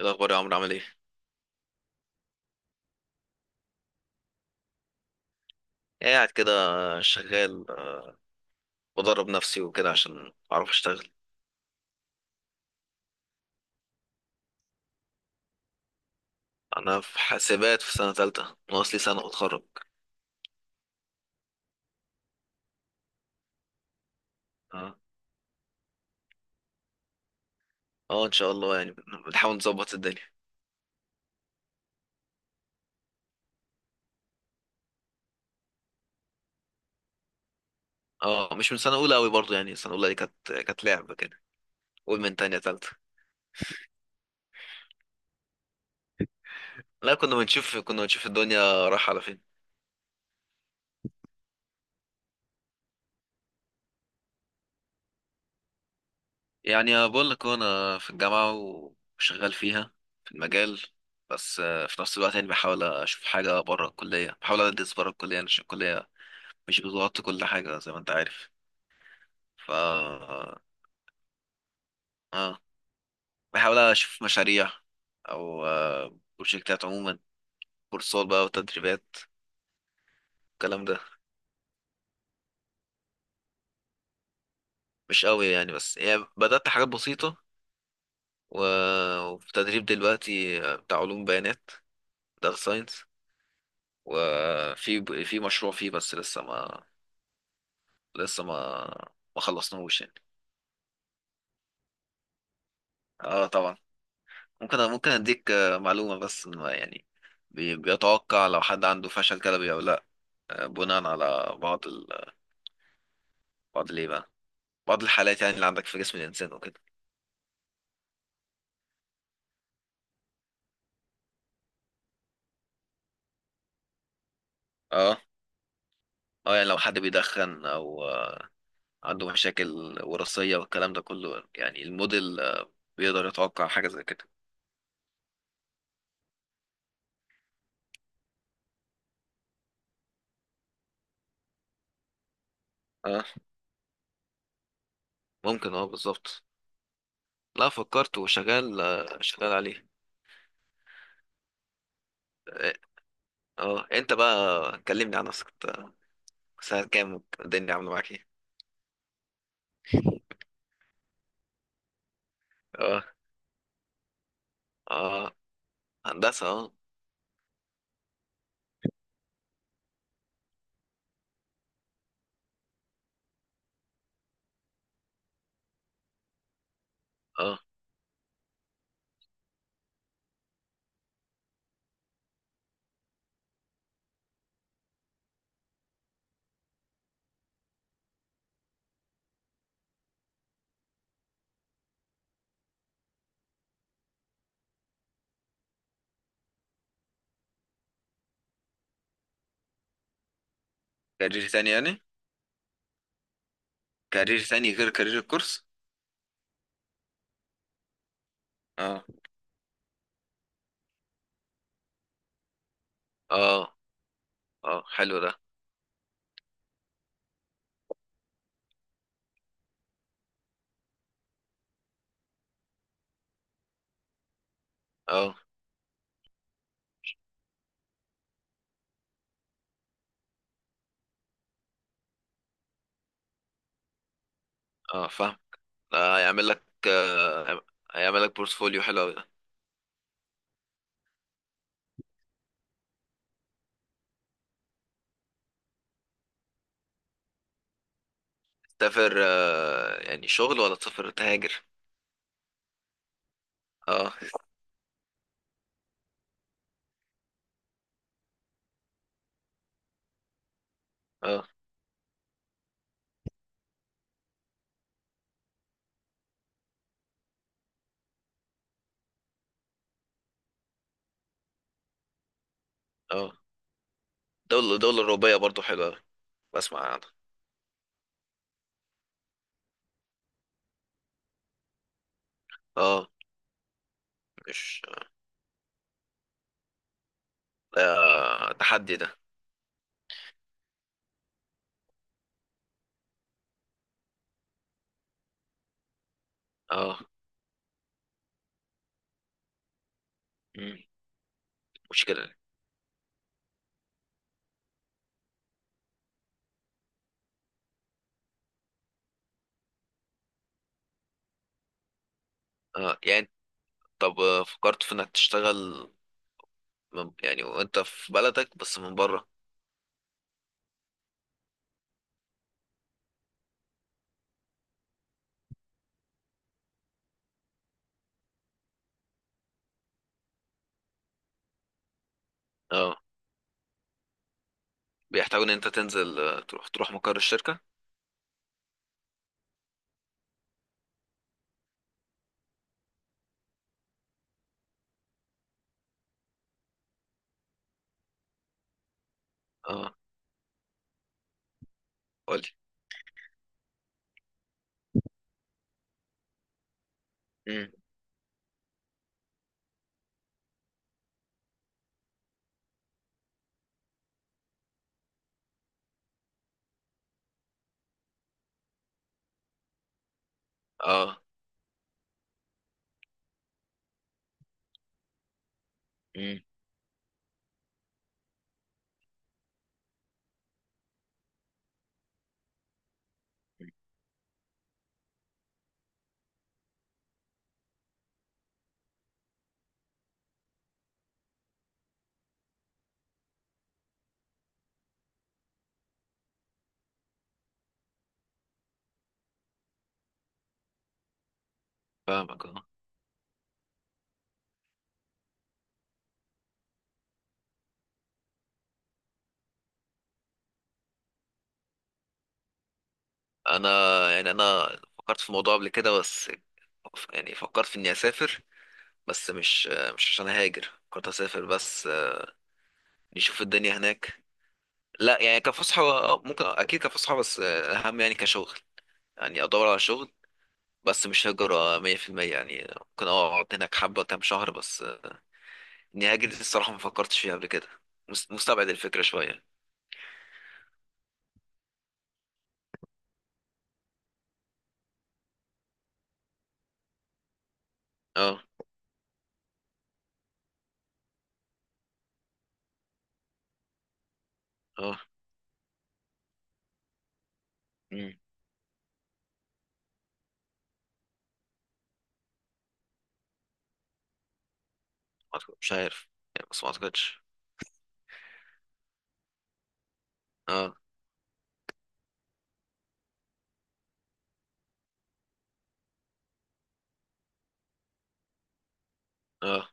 إيه الأخبار يا عمرو، عامل إيه؟ قاعد كده. شغال. بدرب نفسي وكده عشان أعرف أشتغل. أنا في حاسبات، في سنة تالتة، ناقص لي سنة وأتخرج. أه، أه، إن شاء الله يعني. بنحاول نظبط الدنيا. أه، مش من سنة أولى أوي برضه يعني. سنة أولى دي كانت لعبة كده. قول من تانية، تالتة. لا، كنا بنشوف الدنيا رايحة على فين. يعني بقول لك أنا في الجامعة، وشغال فيها، في المجال. بس في نفس الوقت يعني بحاول أشوف حاجة بره الكلية، بحاول أدرس بره الكلية يعني عشان الكلية مش بظبط كل حاجة زي ما انت عارف. ف اه، بحاول اشوف مشاريع، او بروجكتات عموما. كورسات بقى، وتدريبات، الكلام ده. مش قوي يعني، بس يعني بدأت حاجات بسيطة و... وفي تدريب دلوقتي بتاع علوم بيانات، داتا ساينس. وفي مشروع فيه، بس لسه ما لسه ما ما خلصناهوش يعني. اه، طبعا. ممكن اديك معلومة، بس إن ما يعني بيتوقع لو حد عنده فشل كلوي او لا. بناء على بعض الايه بقى، بعض الحالات يعني اللي عندك في جسم الانسان وكده. اه، اه، يعني لو حد بيدخن او عنده مشاكل وراثية والكلام ده كله، يعني الموديل بيقدر يتوقع حاجة زي كده. اه، ممكن، اه، بالظبط. لا، فكرت وشغال، شغال عليه. اه. آه. انت بقى كلمني عن نفسك إنت، ساعة كام الدنيا عاملة معاك ايه؟ اه. اه. هندسة، اه. اه. كارير تاني يعني. كارير تاني غير كارير الكورس. اه. اه. اه، حلو ده. اه. اه، فاهم. آه، هيعمل لك آه، هيعمل لك بورتفوليو حلو قوي ده. تسافر يعني شغل، ولا تسافر تهاجر؟ اه. اه. اه. دولة دولة أوروبية برضو حلوة أوي. بسمع عنها. اه، مش، آه، تحدي ده. اه. مم. مشكلة. اه، يعني، طب فكرت في انك تشتغل من يعني وانت في بلدك، بس من بره؟ اه، بيحتاجوا ان انت تنزل تروح مقر الشركة. اه، قولي. مم. اه. مم. فاهمك اه. انا، يعني انا فكرت في الموضوع قبل كده، بس يعني فكرت في اني اسافر، بس مش عشان هاجر، فكرت اسافر بس، نشوف الدنيا هناك. لا يعني كفسحة، ممكن اكيد كفسحة، بس اهم يعني كشغل، يعني ادور على شغل. بس مش هجرة 100% يعني، ممكن اقعد هناك حبة كام شهر، بس اني هاجر دي الصراحة ما فكرتش فيها قبل كده. مستبعد الفكرة شوية. اه. اه. مم. مش عارف يعني، بس ما اعتقدش. اه. اه.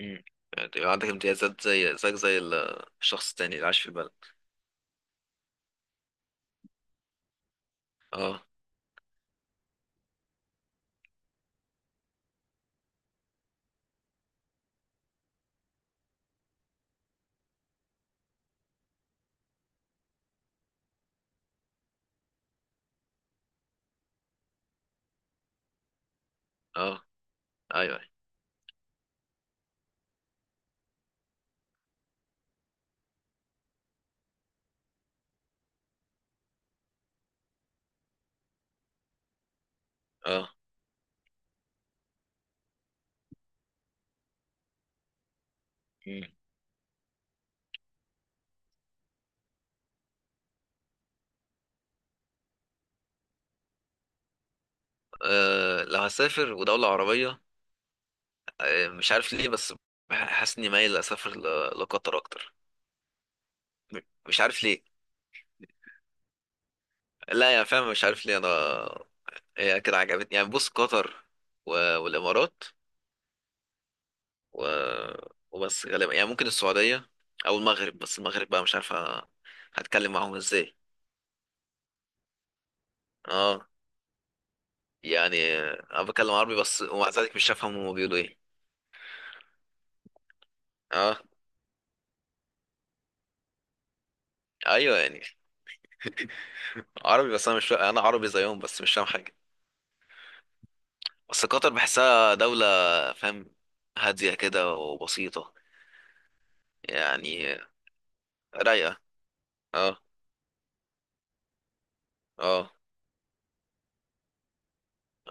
مم. يعني عندك امتيازات زي زيك زي الشخص التاني اللي عايش في البلد. اه. اه. ايوه، أيوة. اه. مم. لو هسافر ودولة عربية، مش عارف ليه، بس حاسس اني مايل اسافر لقطر اكتر. م- مش عارف ليه. لا يا فاهم، مش عارف ليه انا. هي كده عجبتني يعني. بص، قطر والامارات و... وبس غالبا يعني ممكن السعودية او المغرب، بس المغرب بقى مش عارف هتكلم معاهم ازاي. اه، يعني انا بتكلم عربي بس، ومع ذلك مش هفهم هما بيقولوا ايه. اه، ايوه يعني. عربي، بس انا مش انا عربي زيهم، بس مش فاهم حاجه. بس قطر بحسها دوله، فاهم، هاديه كده وبسيطه يعني، رايقه. اه. اه.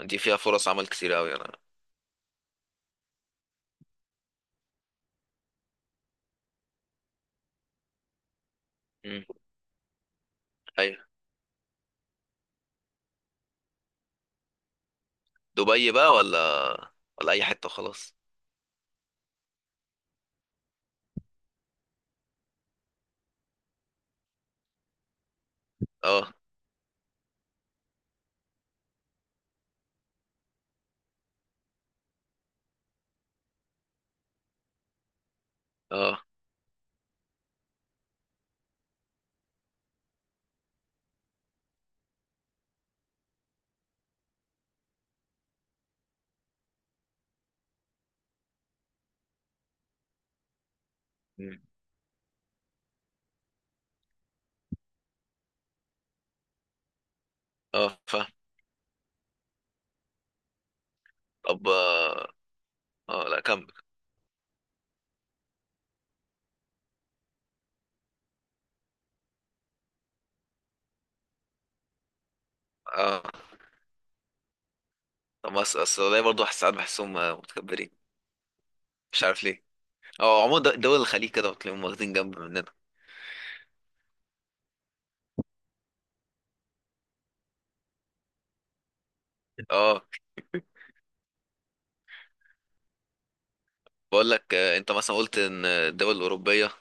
دي فيها فرص عمل كتير قوي، انا. مم. ايوه. دبي بقى، ولا اي حته خلاص؟ اه. اه. مم. اه، فاهم. طب اه. لا كمل. اه. طب بس اصل برضه ساعات بحسهم متكبرين، مش عارف ليه. اه، عموما دول الخليج كده بتلاقيهم واخدين جنب مننا. اه، بقول لك انت مثلا قلت ان الدول الاوروبيه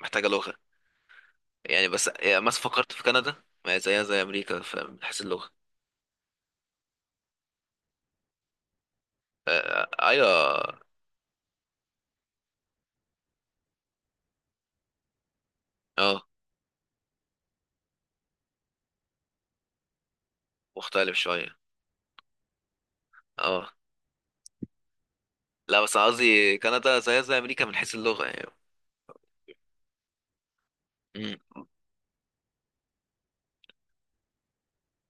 محتاجه لغه يعني. بس يعني مثلا فكرت في كندا، ما هي زيها زي امريكا من حيث اللغه. آه، ايوه. اه، مختلف شويه. اه، لا بس قصدي كندا زيها زي امريكا من حيث اللغه يعني.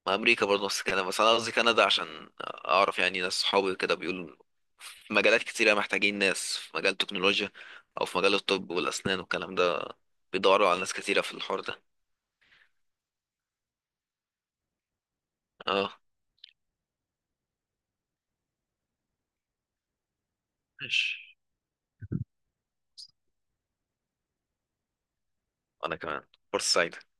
ما امريكا برضه نفس الكلام، بس انا قصدي كندا عشان اعرف يعني، ناس صحابي كده بيقولوا في مجالات كتيرة محتاجين ناس، في مجال التكنولوجيا او في مجال الطب والاسنان والكلام ده، بيدوروا على ناس كتيرة في الحوار ده. اه، ماشي. انا كمان. فرصة سعيدة.